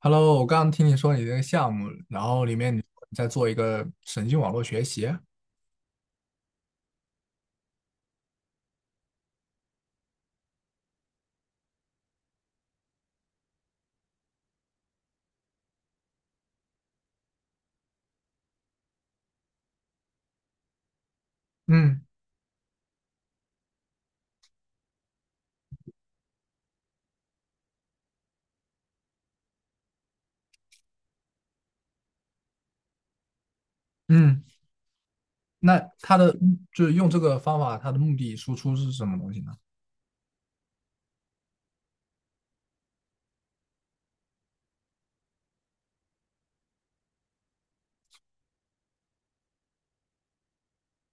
Hello，我刚刚听你说你这个项目，然后里面你在做一个神经网络学习。嗯嗯，那它的就是用这个方法，它的目的输出是什么东西呢？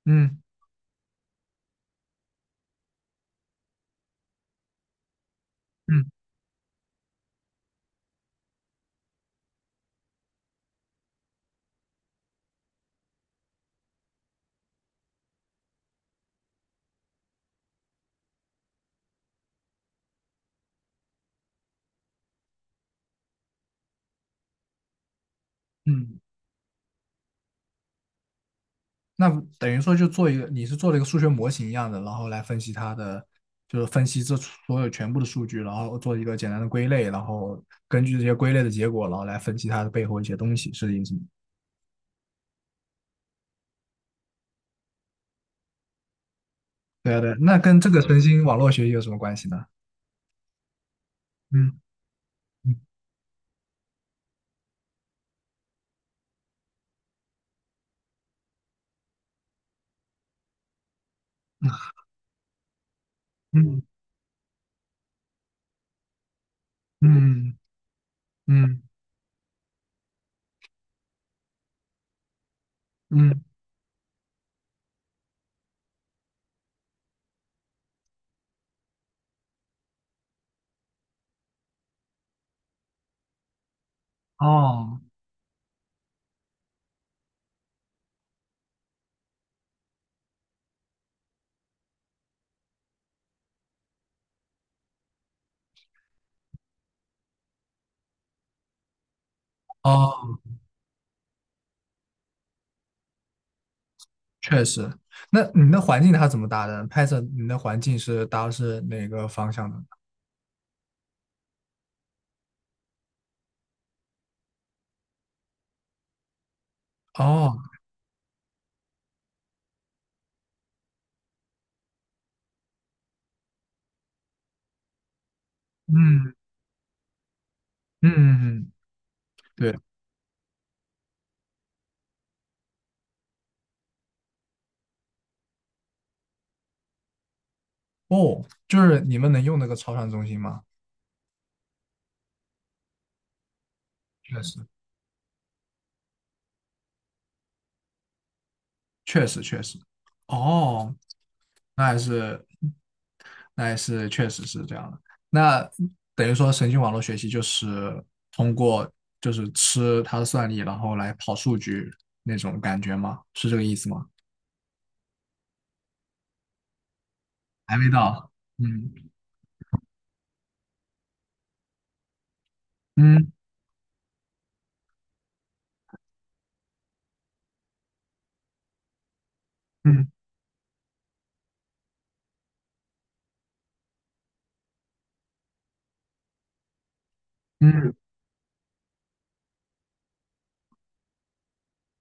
嗯嗯嗯，那等于说就做一个，你是做了一个数学模型一样的，然后来分析它的，就是分析这所有全部的数据，然后做一个简单的归类，然后根据这些归类的结果，然后来分析它的背后一些东西，是这个意思吗？对啊对啊，那跟这个神经网络学习有什么关系呢？嗯嗯嗯。嗯嗯嗯嗯，哦哦，确实。那你的环境它怎么搭的？拍摄你的环境是搭的是哪个方向的呢？哦，嗯嗯嗯，嗯对，哦，就是你们能用那个超算中心吗？确实，确实，确实。哦，那还是，那还是确实是这样的。那等于说神经网络学习就是通过就是吃它的算力，然后来跑数据那种感觉吗？是这个意思吗？还没到。嗯嗯嗯嗯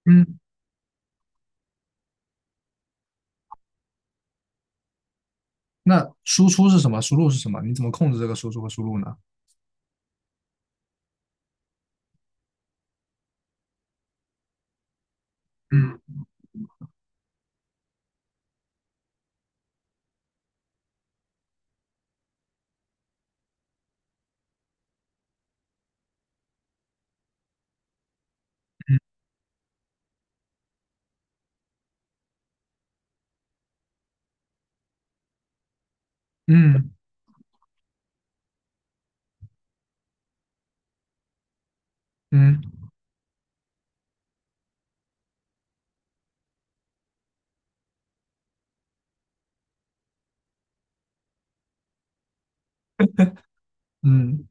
嗯，那输出是什么？输入是什么？你怎么控制这个输出和输入呢？嗯嗯嗯嗯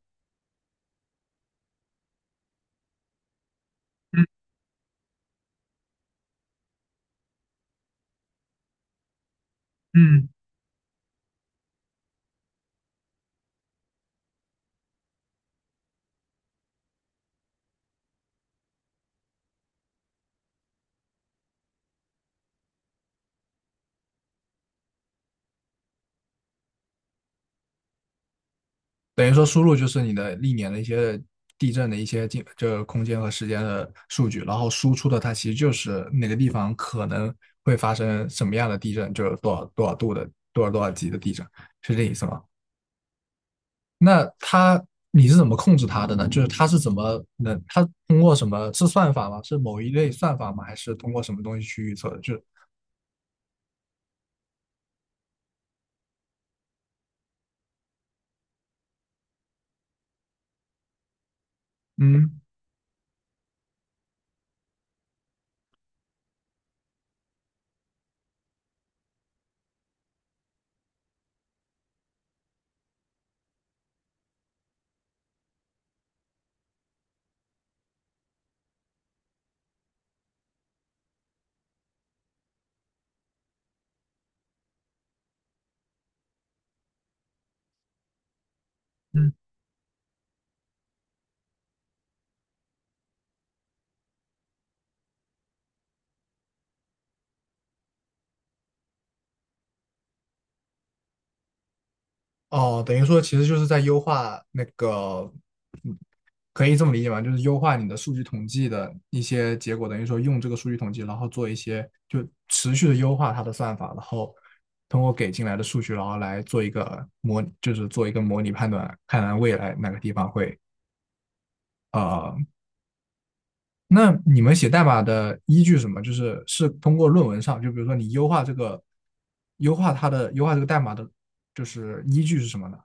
嗯嗯，等于说输入就是你的历年的一些地震的一些进，这空间和时间的数据，然后输出的它其实就是哪个地方可能会发生什么样的地震，就是多少多少度的多少多少级的地震，是这意思吗？那它你是怎么控制它的呢？就是它是怎么能，它通过什么？是算法吗？是某一类算法吗？还是通过什么东西去预测的？嗯嗯哦，等于说其实就是在优化那个。嗯，可以这么理解吧？就是优化你的数据统计的一些结果，等于说用这个数据统计，然后做一些就持续的优化它的算法，然后通过给进来的数据，然后来做一个模，就是做一个模拟判断，看看未来哪个地方会呃那你们写代码的依据是什么？就是是通过论文上，就比如说你优化这个，优化这个代码的，就是依据是什么呢？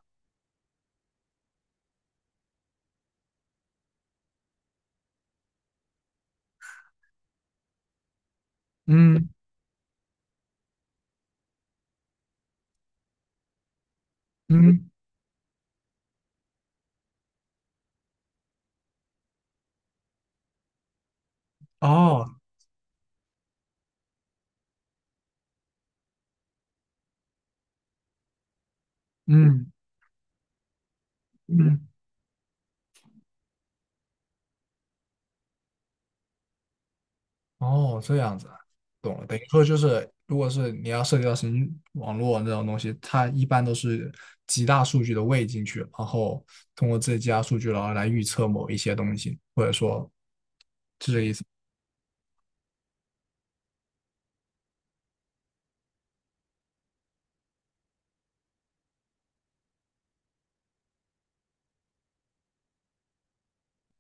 嗯嗯，哦，嗯嗯，哦，这样子，懂了。等于说就是，如果是你要涉及到神经网络这种东西，它一般都是极大数据的喂进去，然后通过这些极大数据，然后来预测某一些东西，或者说。是这意思。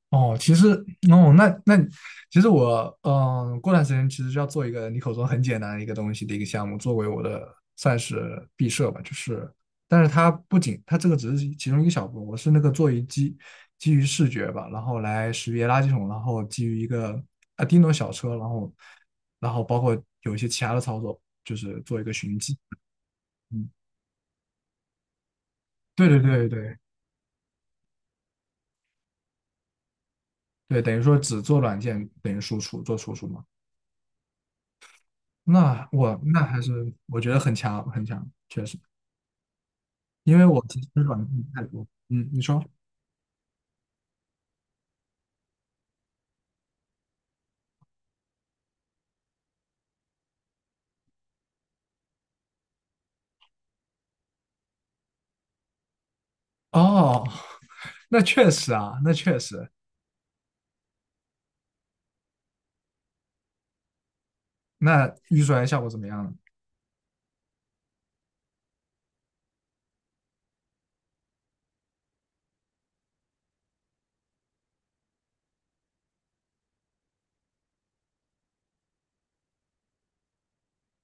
哦，其实哦，那其实我过段时间其实就要做一个你口中很简单的一个东西的一个项目，作为我的算是毕设吧，就是，但是它不仅它这个只是其中一个小部分，我是做一基基于视觉吧，然后来识别垃圾桶，然后基于一个啊叮咚小车，然后包括有一些其他的操作，就是做一个寻迹。嗯，对对对对对，等于说只做软件等于输出做输出嘛。那我那还是我觉得很强很强，因为我其实软件太多。嗯，你说哦，那确实啊，那确实。那预算效果怎么样呢？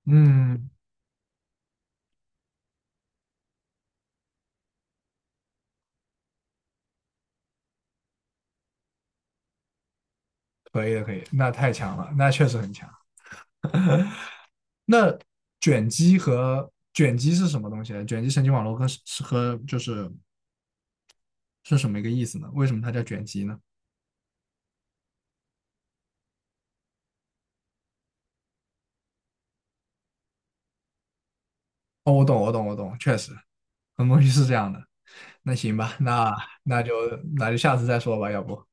嗯，可以的，可以的，那太强了，那确实很强。那卷积是什么东西呢？卷积神经网络跟是和就是是什么一个意思呢？为什么它叫卷积呢？哦，我懂，我懂，我懂，确实，很多东西是这样的。那行吧，那就那就下次再说吧，要不。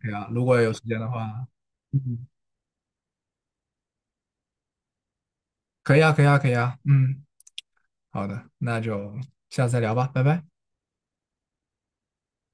可以啊，如果有时间的话，嗯，可以啊，可以啊，可以啊，嗯，好的，那就下次再聊吧，拜拜。